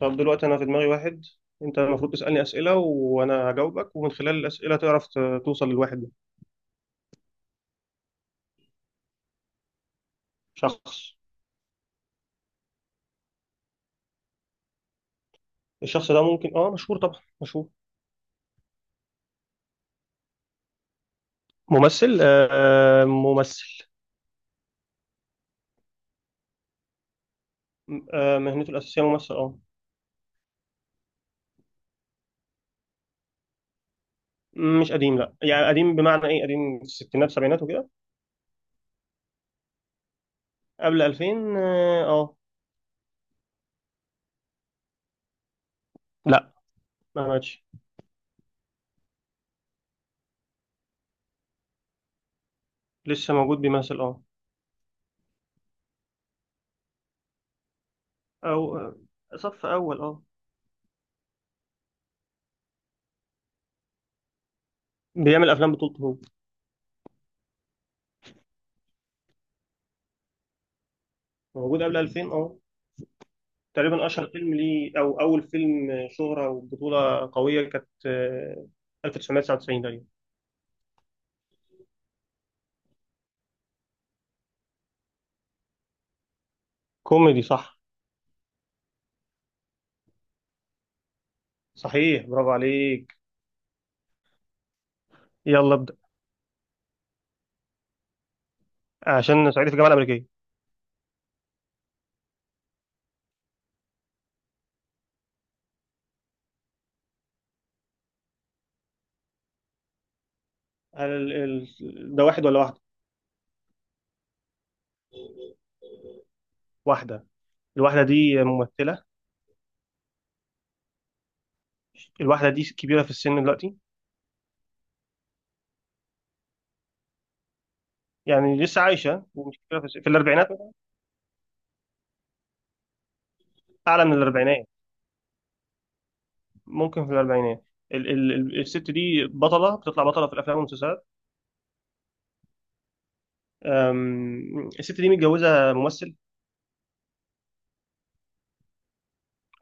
طب دلوقتي أنا في دماغي واحد. أنت المفروض تسألني أسئلة وأنا هجاوبك، ومن خلال الأسئلة تعرف توصل للواحد ده. شخص. الشخص ده ممكن مشهور، طبعا مشهور. ممثل ممثل. مهنته الأساسية ممثل مش قديم، لا. يعني قديم بمعنى إيه؟ قديم في الستينات سبعينات وكده. قبل 2000 آه آه. لا، ما ماتش. لسه موجود بيمثل أو آه، صف أول بيعمل أفلام بطولته هو. موجود قبل 2000 تقريبا اشهر فيلم ليه او اول فيلم شهرة وبطولة قوية كانت 1999 تقريبا. كوميدي صح. صحيح، برافو عليك. يلا ابدأ. عشان صعيدي في الجامعة الأمريكية. هل ال- ده واحد ولا واحدة؟ واحدة. الواحدة دي ممثلة. الواحدة دي كبيرة في السن دلوقتي؟ يعني لسه عايشة ومش كبيرة في السن، في الأربعينات مثلاً؟ أعلى من الأربعينات. ممكن في الأربعينات. الست دي بطلة، بتطلع بطلة في الأفلام والمسلسلات. الست دي متجوزة ممثل.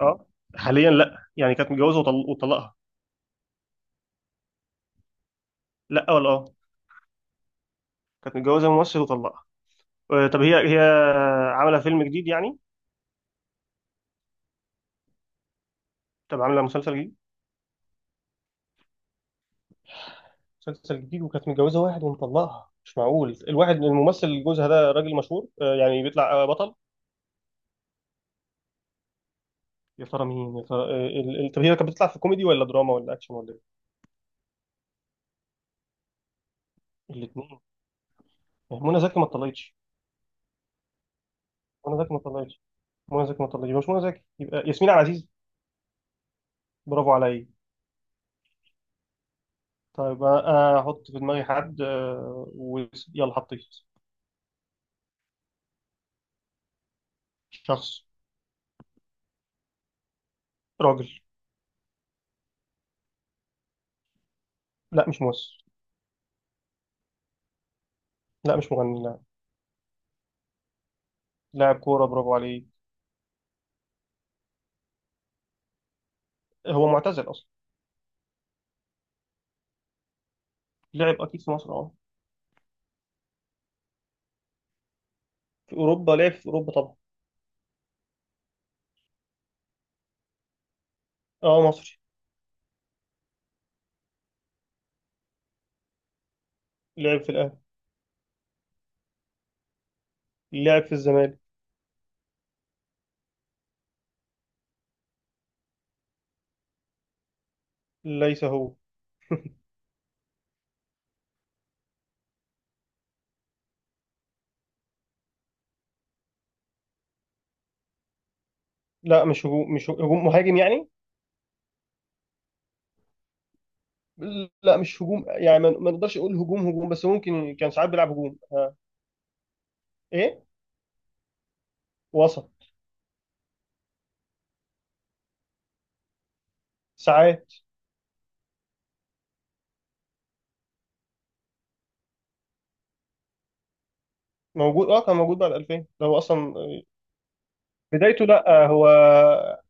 اه. حاليا لا، يعني كانت متجوزه وطلقها. لا، ولا اه. كانت متجوزه ممثل وطلقها. طب هي عامله فيلم جديد يعني؟ طب عامله مسلسل جديد؟ مسلسل جديد، وكانت متجوزه واحد ومطلقها. مش معقول! الواحد الممثل جوزها ده راجل مشهور يعني بيطلع بطل. يا ترى مين؟ يا ترى طب هي كانت بتطلع في كوميدي ولا دراما ولا اكشن ولا ايه؟ الاثنين. منى زكي ما اتطلقتش. منى زكي ما اتطلقتش. منى زكي ما اتطلقتش، يبقى مش منى زكي. يبقى ياسمين عبد العزيز. برافو عليا. طيب، انا احط في دماغي حد ويلا، حطيت. شخص. راجل. لا، مش ممثل. لا، مش مغني، لا. لاعب كورة، برافو عليه. هو معتزل أصلا. لعب أكيد في مصر، أه. في أوروبا، لعب في أوروبا طبعا. أه، مصري. لعب في الأهلي. لعب في الزمالك. ليس هو. لا، مش هجوم، مش هجوم مهاجم يعني. لا مش هجوم، يعني ما نقدرش نقول هجوم هجوم، بس ممكن كان ساعات بيلعب هجوم. إيه؟ وسط. ساعات. موجود، كان موجود بعد 2000، ده هو اصلا بدايته لا هو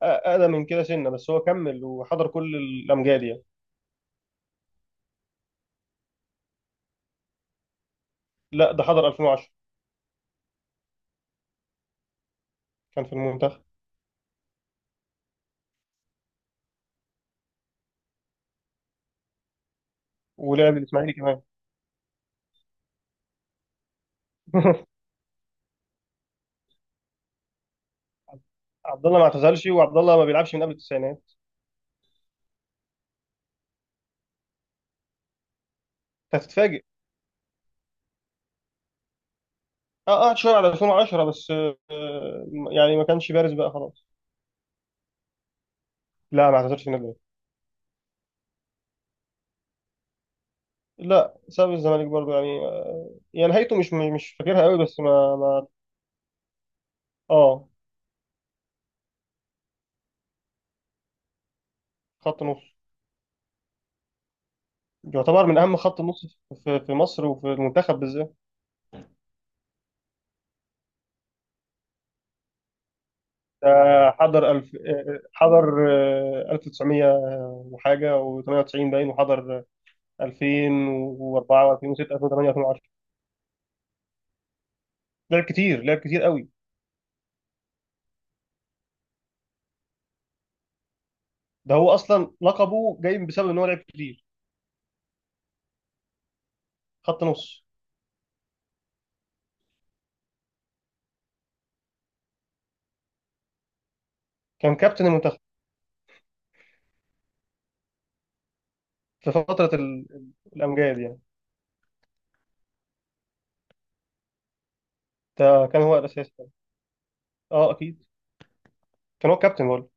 اقدم من كده سنه، بس هو كمل وحضر كل الامجاد يعني. لا، ده حضر 2010. كان في المنتخب. ولعب الاسماعيلي كمان. عبد الله ما اعتزلش، وعبد الله ما بيلعبش من قبل التسعينات. انت هتتفاجئ. اه، قعد شويه على 2010 بس يعني ما كانش بارز بقى، خلاص. لا، ما اعتزلش من قبل. لا، ساب الزمالك برضه، يعني يعني نهايته مش فاكرها قوي، بس ما. اه. خط نص. يعتبر من اهم خط النص في مصر وفي المنتخب بالذات. ده حضر الف حضر 1900 وحاجه و98 باين، وحضر 2004 و2006 2008. لعب كتير، لعب كتير قوي. ده هو اصلا لقبه جاي بسبب ان هو لعب كتير. خط نص. كان كابتن المنتخب. في فتره الامجاد يعني. ده كان هو الاساس. اه، اكيد. كان هو كابتن برضه.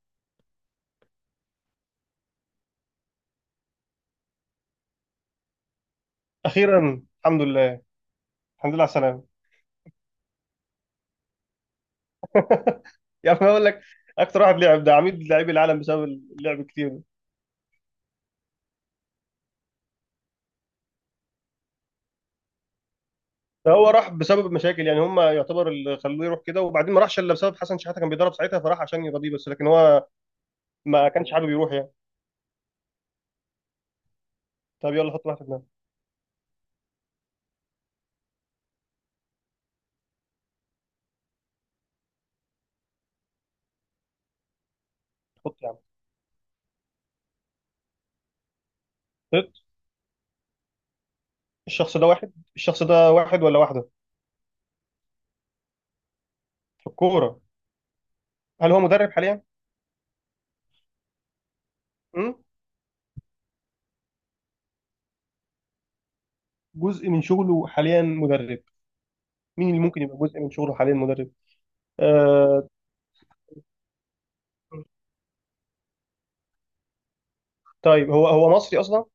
اخيرا الحمد لله. الحمد لله على السلامه. يعني انا اقول لك، اكتر واحد لعب، ده عميد لاعبي العالم بسبب اللعب الكتير ده. فهو راح بسبب مشاكل يعني هم، يعتبر اللي خلوه يروح كده، وبعدين ما راحش الا بسبب حسن شحاته كان بيدرب ساعتها، فراح عشان يرضيه، بس لكن هو ما كانش حابب يروح يعني. طب يلا حط واحد في دماغك. حط يا عم. حط. الشخص ده واحد ولا واحده؟ في الكورة. هل هو مدرب حاليا؟ مم؟ جزء من شغله حاليا مدرب. مين اللي ممكن يبقى جزء من شغله حاليا مدرب؟ آه. طيب، هو مصري أصلا؟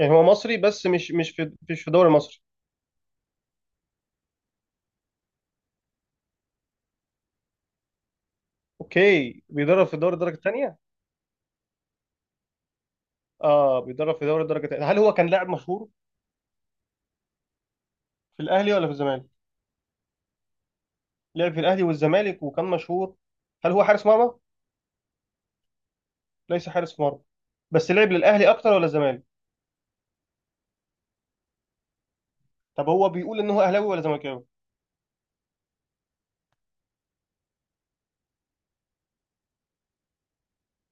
يعني هو مصري، بس مش في، مش في الدوري المصري. أوكي، بيدرب في الدوري الدرجة الثانية؟ اه بيدرب في دوري الدرجة الثانية. هل هو كان لاعب مشهور في الأهلي ولا في الزمالك؟ لعب في الأهلي والزمالك وكان مشهور. هل هو حارس مرمى؟ ليس حارس مرمى. بس لعب للأهلي أكتر ولا الزمالك؟ طب هو بيقول إن هو أهلاوي ولا زملكاوي؟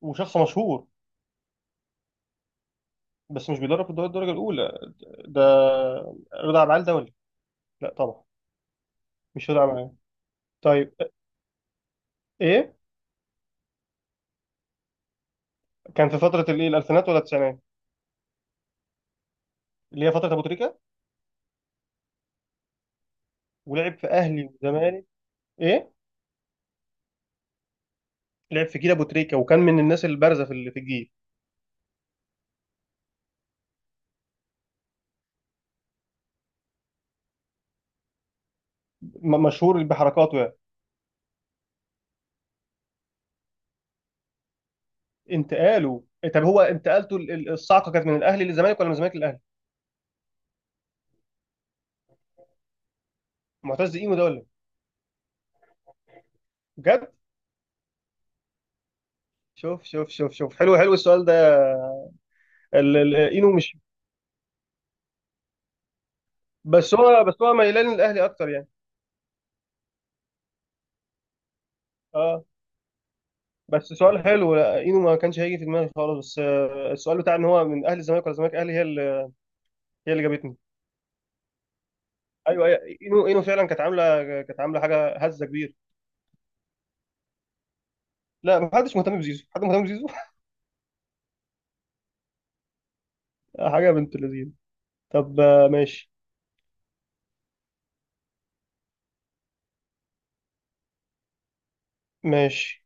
وشخص مشهور. بس مش بيدرب في الدوري الدرجة الأولى. ده رضا عبد العال دولي؟ لا طبعا. مش رضا عبد العال. طيب، ايه؟ كان في فتره الايه، الالفينات ولا التسعينات؟ اللي هي فتره ابو تريكه. ولعب في اهلي وزمالك. ايه؟ لعب في جيل ابو تريكه وكان من الناس البارزه في الجيل. مشهور بحركاته يعني. انتقاله. طب هو انتقالته الصعقه كانت من الاهلي للزمالك ولا من الزمالك للاهلي؟ معتز اينو ده ولا إيه؟ بجد؟ شوف شوف شوف شوف، حلو حلو السؤال ده. اينو مش، بس هو ميلان للاهلي اكتر يعني. اه، بس سؤال حلو. لا، اينو ما كانش هيجي في دماغي خالص، بس السؤال بتاع ان هو من اهل الزمالك ولا الزمالك اهلي، هي اللي جابتني. ايوه، أيوة، اينو اينو فعلا كانت عامله، كانت عامله حاجه، هزه كبير. لا، ما حدش مهتم بزيزو، حد مهتم بزيزو. حاجه بنت لذين. طب ماشي. ماشي.